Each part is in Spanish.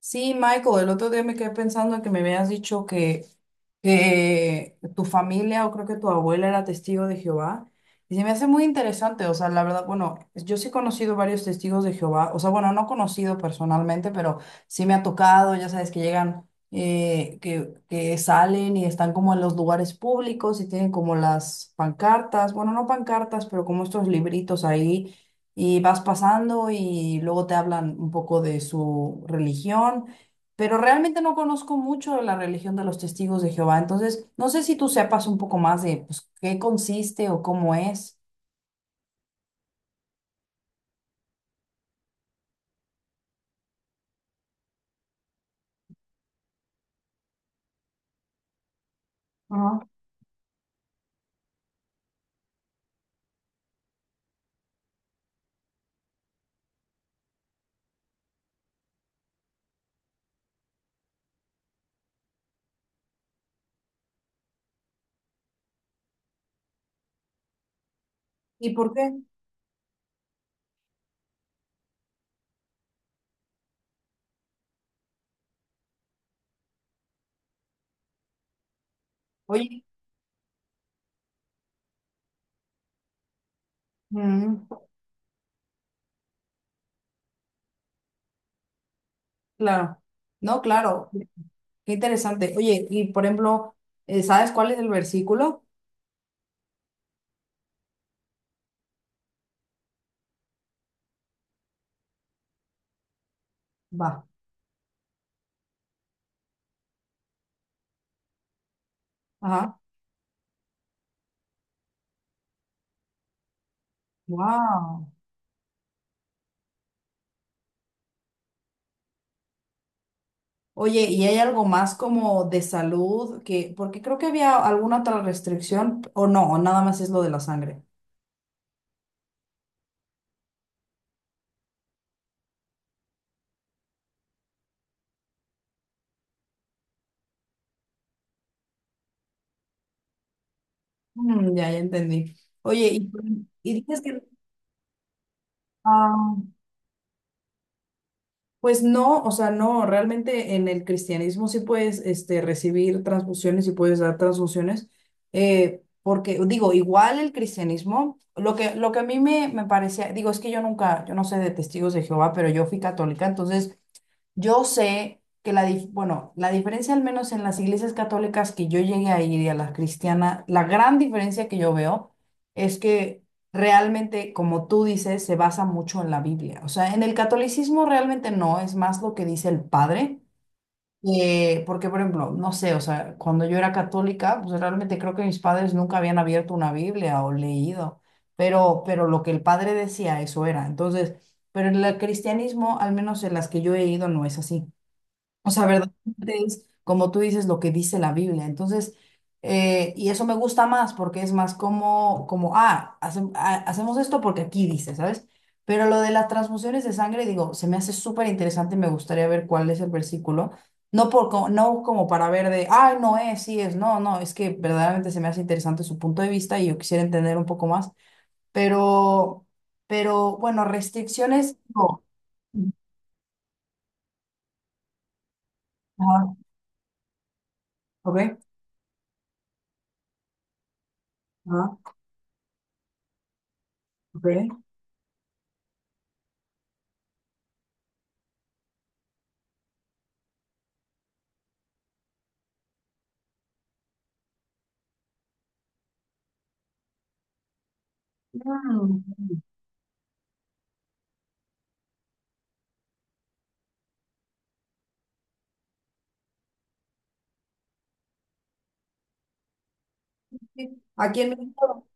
Sí, Michael, el otro día me quedé pensando en que me habías dicho que tu familia o creo que tu abuela era testigo de Jehová. Y se me hace muy interesante, o sea, la verdad, bueno, yo sí he conocido varios testigos de Jehová, o sea, bueno, no conocido personalmente, pero sí me ha tocado, ya sabes, que llegan, que salen y están como en los lugares públicos y tienen como las pancartas, bueno, no pancartas, pero como estos libritos ahí y vas pasando y luego te hablan un poco de su religión, pero realmente no conozco mucho de la religión de los testigos de Jehová, entonces no sé si tú sepas un poco más de pues, qué consiste o cómo es. Ajá. ¿Y por qué? Oye, mm, claro, no, claro, qué interesante. Oye, y por ejemplo, ¿sabes cuál es el versículo? Va, ajá, wow. Oye, ¿y hay algo más como de salud que, porque creo que había alguna otra restricción, o no, o nada más es lo de la sangre? Mm, ya, ya entendí. Oye, y dices que, ah, pues no, o sea, no, realmente en el cristianismo sí puedes, este, recibir transfusiones y puedes dar transfusiones, porque digo, igual el cristianismo, lo que, a mí me parecía, digo, es que yo nunca, yo no sé de testigos de Jehová, pero yo fui católica, entonces... Yo sé que bueno, la diferencia al menos en las iglesias católicas que yo llegué a ir y a las cristianas, la gran diferencia que yo veo es que realmente, como tú dices, se basa mucho en la Biblia. O sea, en el catolicismo realmente no, es más lo que dice el padre. Porque, por ejemplo, no sé, o sea, cuando yo era católica, pues realmente creo que mis padres nunca habían abierto una Biblia o leído, pero, lo que el padre decía, eso era. Entonces, pero en el cristianismo, al menos en las que yo he ido, no es así. O sea, verdaderamente es, como tú dices, lo que dice la Biblia. Entonces, y eso me gusta más porque es más como hacemos esto porque aquí dice, ¿sabes? Pero lo de las transfusiones de sangre, digo, se me hace súper interesante y me gustaría ver cuál es el versículo. No, no como para ver de, ay, no es, sí es, no, no, es que verdaderamente se me hace interesante su punto de vista y yo quisiera entender un poco más. Pero, pero bueno, restricciones, no. Ajá, ok, ajá, ok. Mm. Sí. Aquí en México,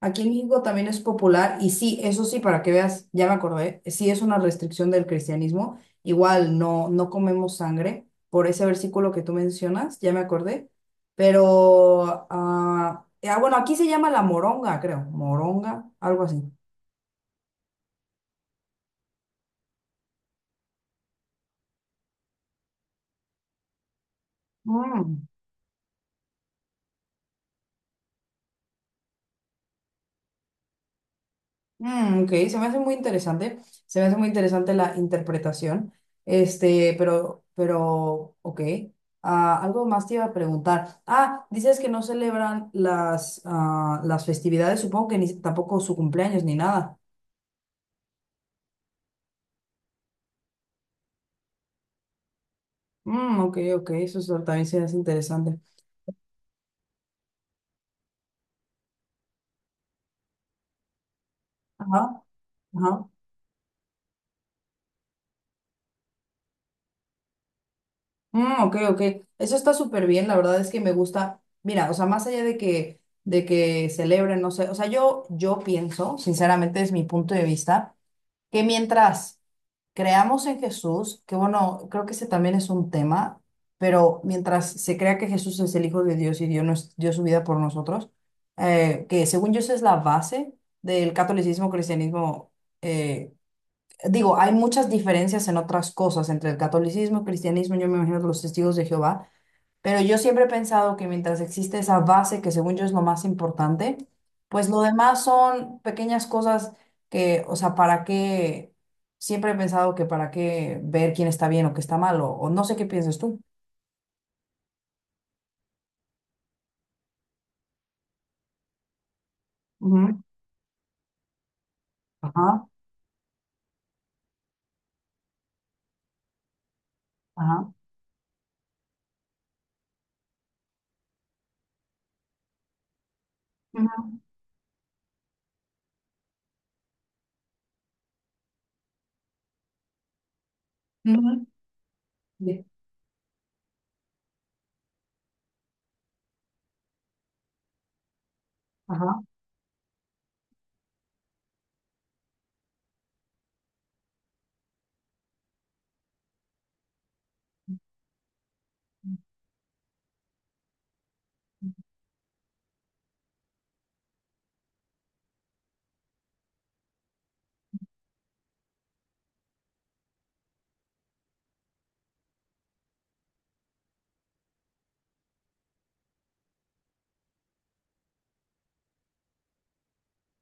aquí en México también es popular y sí, eso sí, para que veas, ya me acordé, sí es una restricción del cristianismo, igual no, no comemos sangre por ese versículo que tú mencionas, ya me acordé, pero, bueno, aquí se llama la moronga, creo, moronga, algo así. Mm. Mm, ok, se me hace muy interesante, se me hace muy interesante la interpretación, este, pero, ok, Ah, algo más te iba a preguntar. Ah, dices que no celebran las, las festividades, supongo que ni, tampoco su cumpleaños ni nada. Mm, ok, ok, también se hace interesante. Ajá, ajá. Mm, ok, ok, eso está súper bien, la verdad es que me gusta, mira, o sea, más allá de que, celebren, no sé, o sea, yo pienso, sinceramente es mi punto de vista que mientras creamos en Jesús, que bueno, creo que ese también es un tema, pero mientras se crea que Jesús es el Hijo de Dios y Dios nos dio su vida por nosotros, que según yo esa es la base del catolicismo, cristianismo, eh, digo, hay muchas diferencias en otras cosas entre el catolicismo, cristianismo, yo me imagino los testigos de Jehová, pero yo siempre he pensado que mientras existe esa base, que según yo es lo más importante, pues lo demás son pequeñas cosas que, o sea, ¿para qué? Siempre he pensado que para qué ver quién está bien o qué está mal, o no sé qué piensas tú. Ujú. Ajá, ajá. Ujú. Ujú. Sí, Ajá.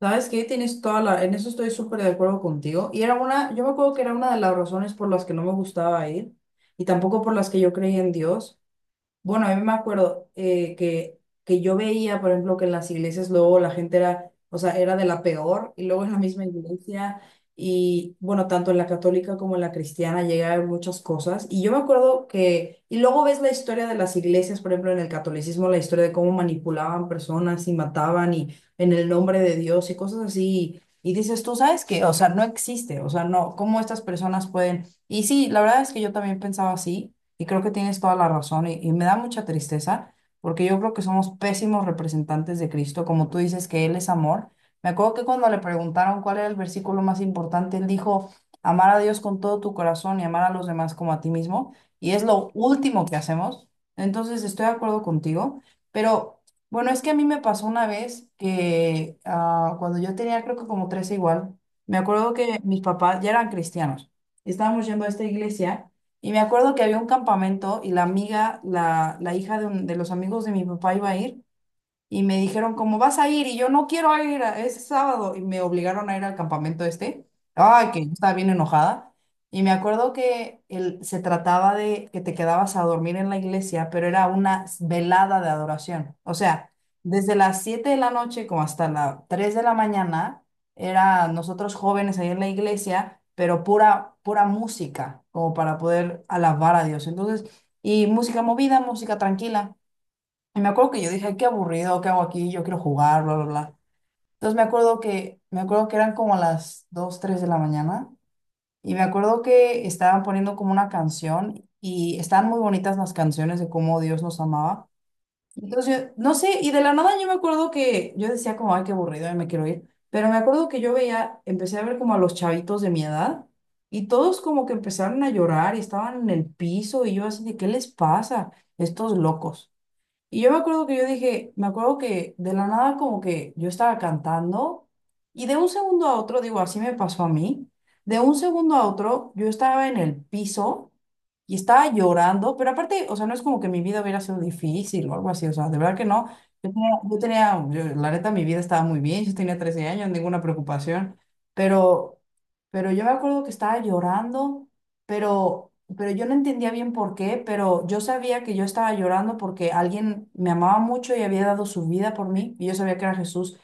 ¿Sabes qué? En eso estoy súper de acuerdo contigo. Yo me acuerdo que era una de las razones por las que no me gustaba ir y tampoco por las que yo creía en Dios. Bueno, a mí me acuerdo que yo veía, por ejemplo, que en las iglesias luego la gente era, o sea, era de la peor, y luego en la misma iglesia, y bueno, tanto en la católica como en la cristiana llega a haber muchas cosas, y yo me acuerdo que, y luego ves la historia de las iglesias, por ejemplo, en el catolicismo, la historia de cómo manipulaban personas y mataban, y en el nombre de Dios, y cosas así, y dices, tú sabes que, o sea, no existe, o sea, no, cómo estas personas pueden, y sí, la verdad es que yo también pensaba así. Y creo que tienes toda la razón y me da mucha tristeza porque yo creo que somos pésimos representantes de Cristo, como tú dices que Él es amor. Me acuerdo que cuando le preguntaron cuál era el versículo más importante, Él dijo, amar a Dios con todo tu corazón y amar a los demás como a ti mismo. Y es lo último que hacemos. Entonces estoy de acuerdo contigo, pero bueno, es que a mí me pasó una vez que cuando yo tenía creo que como 13 igual, me acuerdo que mis papás ya eran cristianos. Estábamos yendo a esta iglesia. Y me acuerdo que había un campamento y la hija de los amigos de mi papá iba a ir y me dijeron, ¿cómo vas a ir? Y yo no quiero ir, es sábado. Y me obligaron a ir al campamento este. Ay, que yo estaba bien enojada. Y me acuerdo que se trataba de que te quedabas a dormir en la iglesia, pero era una velada de adoración. O sea, desde las 7 de la noche como hasta las 3 de la mañana, era nosotros jóvenes ahí en la iglesia, pero pura, pura música, como para poder alabar a Dios. Entonces, y música movida, música tranquila. Y me acuerdo que yo dije, "Ay, qué aburrido, ¿qué hago aquí? Yo quiero jugar, bla, bla, bla. Entonces me acuerdo que eran como las 2 3 de la mañana y me acuerdo que estaban poniendo como una canción y estaban muy bonitas las canciones de cómo Dios nos amaba. Entonces yo, no sé, y de la nada yo me acuerdo que yo decía como, ay, qué aburrido, y me quiero ir. Pero me acuerdo que yo veía, empecé a ver como a los chavitos de mi edad y todos como que empezaron a llorar y estaban en el piso y yo así de, ¿qué les pasa? Estos locos. Y yo me acuerdo que yo dije, me acuerdo que de la nada como que yo estaba cantando y de un segundo a otro, digo, así me pasó a mí, de un segundo a otro yo estaba en el piso y estaba llorando, pero aparte, o sea, no es como que mi vida hubiera sido difícil o algo así, o sea, de verdad que no. La neta, mi vida estaba muy bien, yo tenía 13 años, ninguna preocupación, pero, pero, yo me acuerdo que estaba llorando pero, pero yo no entendía bien por qué, pero yo sabía que yo estaba llorando porque alguien me amaba mucho y había dado su vida por mí, y yo sabía que era Jesús,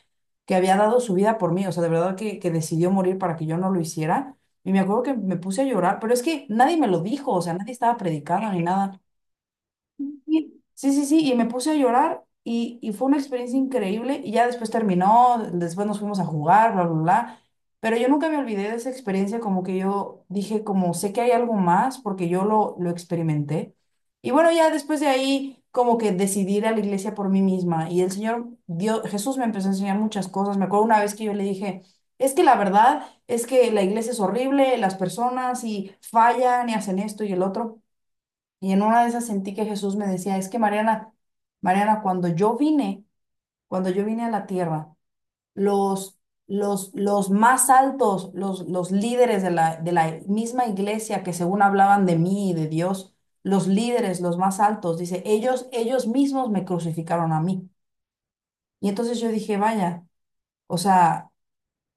que había dado su vida por mí, o sea, de verdad que decidió morir para que yo no lo hiciera, y me acuerdo que me puse a llorar, pero es que nadie me lo dijo, o sea, nadie estaba predicando ni nada, Sí, sí, sí, sí, y me puse a llorar y fue una experiencia increíble y ya después terminó, después nos fuimos a jugar, bla, bla, bla, pero yo nunca me olvidé de esa experiencia, como que yo dije, como sé que hay algo más porque yo lo experimenté. Y bueno, ya después de ahí, como que decidí ir a la iglesia por mí misma y el Señor, Dios, Jesús me empezó a enseñar muchas cosas. Me acuerdo una vez que yo le dije, es que la verdad es que la iglesia es horrible, las personas y fallan y hacen esto y el otro. Y en una de esas sentí que Jesús me decía, es que Mariana, Mariana, cuando yo vine a la tierra, los, los más altos, los líderes de la misma iglesia que según hablaban de mí y de Dios, los líderes, los más altos, dice, ellos mismos me crucificaron a mí. Y entonces yo dije, vaya, o sea,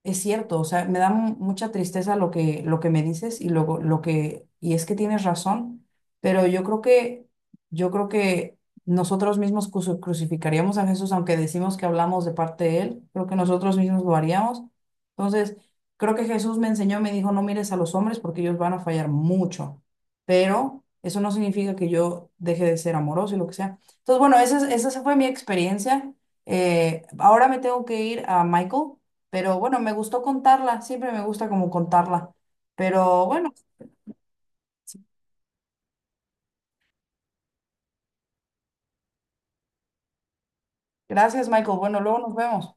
es cierto, o sea, me da mucha tristeza lo que, me dices y luego y es que tienes razón, pero yo creo que nosotros mismos crucificaríamos a Jesús, aunque decimos que hablamos de parte de él, creo que nosotros mismos lo haríamos. Entonces, creo que Jesús me enseñó, me dijo, no mires a los hombres porque ellos van a fallar mucho, pero eso no significa que yo deje de ser amoroso y lo que sea. Entonces, bueno, esa fue mi experiencia. Ahora me tengo que ir a Michael. Pero bueno, me gustó contarla, siempre me gusta como contarla. Pero bueno, gracias, Michael. Bueno, luego nos vemos.